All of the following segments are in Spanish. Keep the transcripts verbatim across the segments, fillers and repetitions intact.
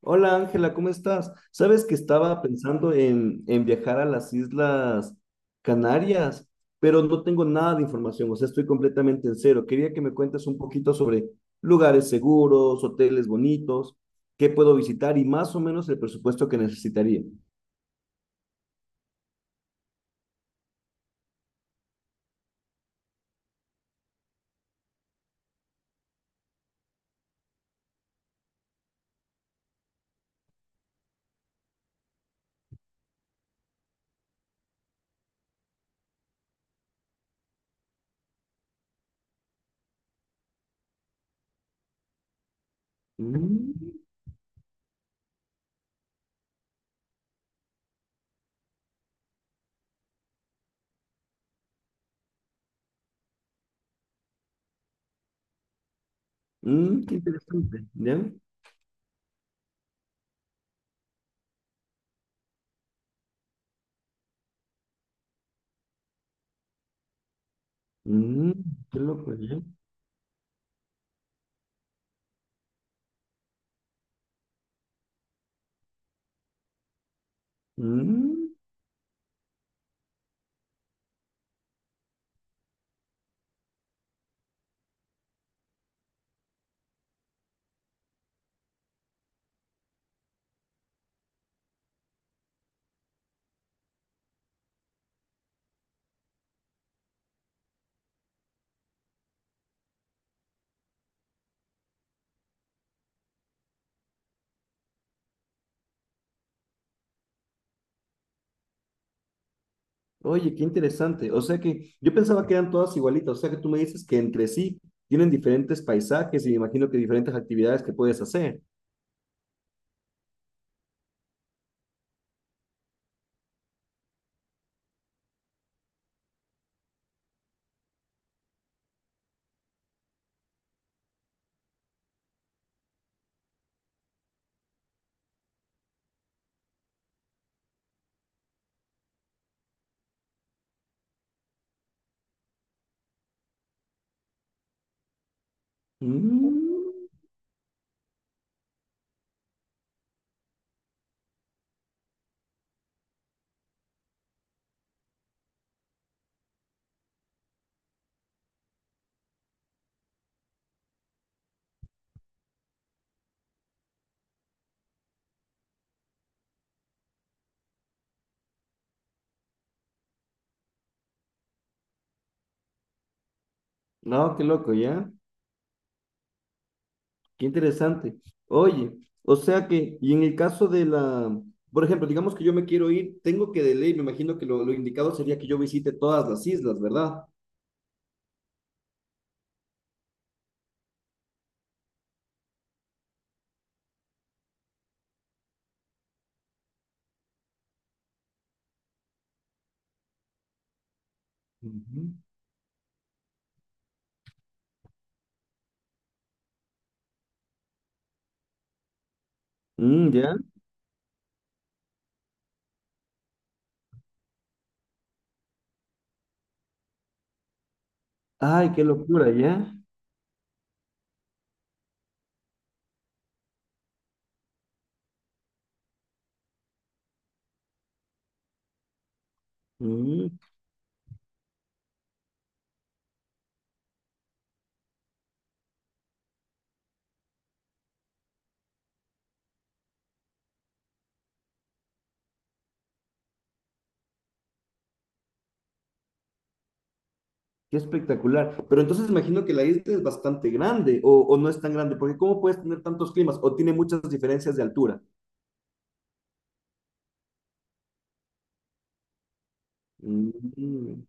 Hola Ángela, ¿cómo estás? Sabes que estaba pensando en, en viajar a las Islas Canarias, pero no tengo nada de información, o sea, estoy completamente en cero. Quería que me cuentes un poquito sobre lugares seguros, hoteles bonitos, qué puedo visitar y más o menos el presupuesto que necesitaría. Mm, mm, Qué interesante, ¿ya? Mm, Qué loco, ¿ya? Mm. Oye, qué interesante. O sea que yo pensaba que eran todas igualitas. O sea que tú me dices que entre sí tienen diferentes paisajes y me imagino que diferentes actividades que puedes hacer. Mm, no, qué loco, ¿ya? Qué interesante. Oye, o sea que, y en el caso de la, por ejemplo, digamos que yo me quiero ir, tengo que de ley, me imagino que lo, lo indicado sería que yo visite todas las islas, ¿verdad? Ujú. Mm, ¿ya? Ay, qué locura, ¿ya? Mm, Qué espectacular. Pero entonces imagino que la isla es bastante grande o, o no es tan grande, porque ¿cómo puedes tener tantos climas? O tiene muchas diferencias de altura. Mm, mm,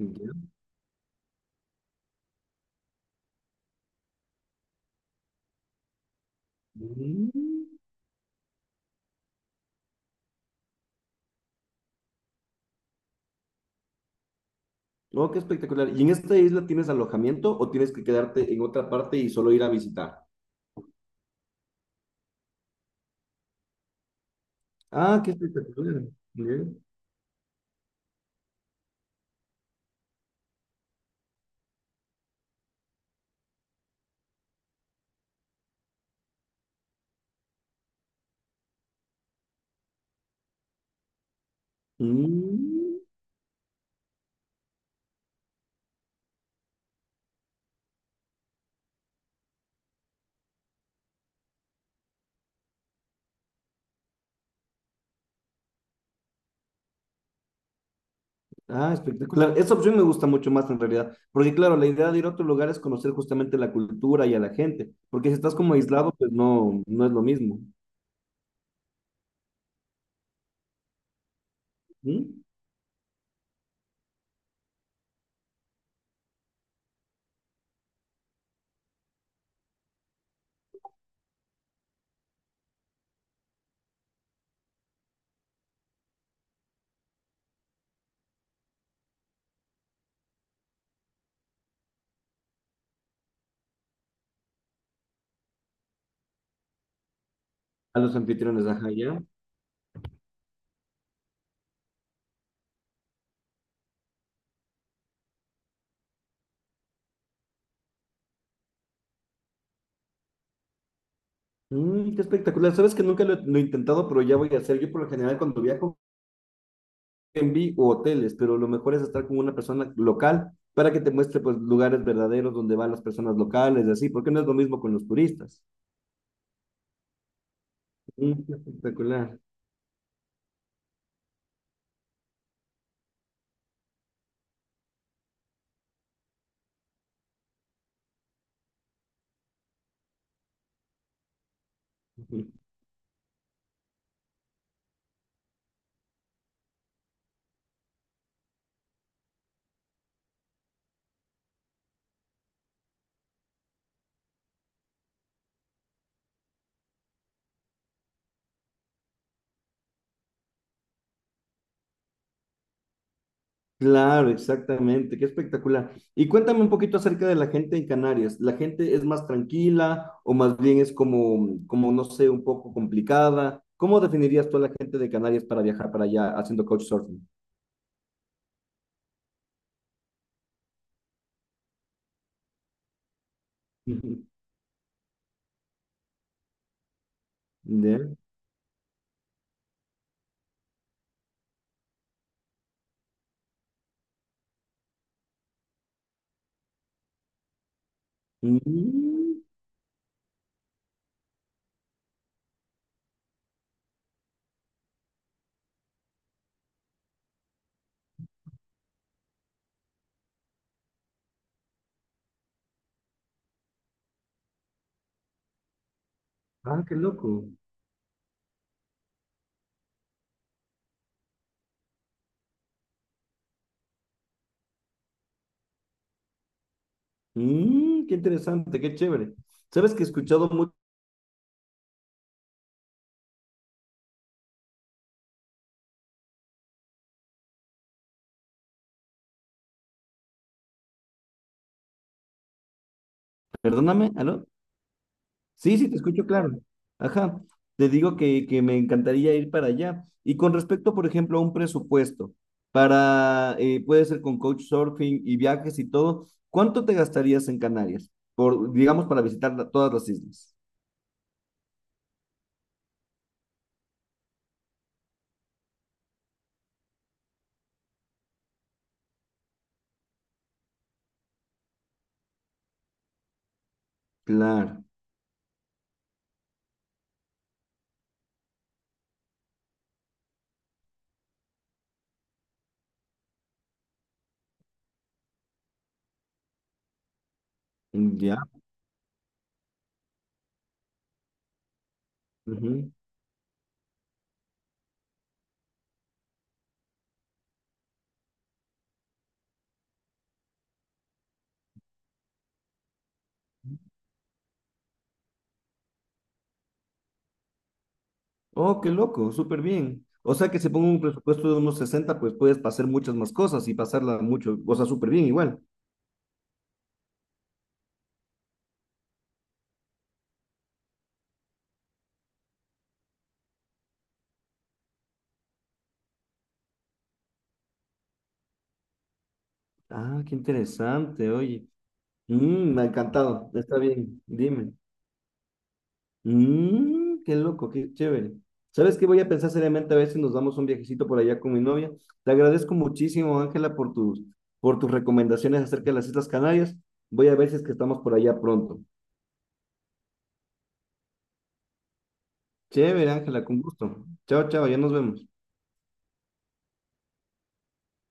ya. Mm. Oh, qué espectacular. ¿Y en esta isla tienes alojamiento o tienes que quedarte en otra parte y solo ir a visitar? Ah, qué espectacular. Bien. Mm. Ah, espectacular. Esa opción me gusta mucho más en realidad, porque claro, la idea de ir a otro lugar es conocer justamente la cultura y a la gente, porque si estás como aislado, pues no, no es lo mismo. ¿Mm? A los anfitriones, ajá, ya. Mm, qué espectacular. Sabes que nunca lo, he lo he intentado, pero ya voy a hacer. Yo por lo general cuando viajo, Airbnb o hoteles, pero lo mejor es estar con una persona local para que te muestre pues lugares verdaderos donde van las personas locales y así, porque no es lo mismo con los turistas. Mm, qué espectacular. Claro, exactamente, qué espectacular. Y cuéntame un poquito acerca de la gente en Canarias. ¿La gente es más tranquila o más bien es como, como, no sé, un poco complicada? ¿Cómo definirías tú a la gente de Canarias para viajar para allá haciendo couchsurfing? Ujú. ¿Ya? Mm, Ah, qué loco. Mm, qué interesante, qué chévere. ¿Sabes que he escuchado mucho? Perdóname, ¿aló? Sí, sí, te escucho claro. Ajá. Te digo que, que me encantaría ir para allá. Y con respecto, por ejemplo, a un presupuesto para, eh, puede ser con couchsurfing y viajes y todo, ¿cuánto te gastarías en Canarias? Por, digamos, para visitar la- todas las islas. Claro. mm, Ya. Ujú. Oh, qué loco, súper bien. O sea que si pongo un presupuesto de unos sesenta, pues puedes hacer muchas más cosas y pasarla mucho, o sea, súper bien igual. Ah, qué interesante, oye. Mm, me ha encantado. Está bien, dime. Mmm, qué loco, qué chévere. ¿Sabes qué? Voy a pensar seriamente a ver si nos damos un viajecito por allá con mi novia. Te agradezco muchísimo, Ángela, por tus, por tus recomendaciones acerca de las Islas Canarias. Voy a ver si es que estamos por allá pronto. Chévere, Ángela, con gusto. Chao, chao, ya nos vemos.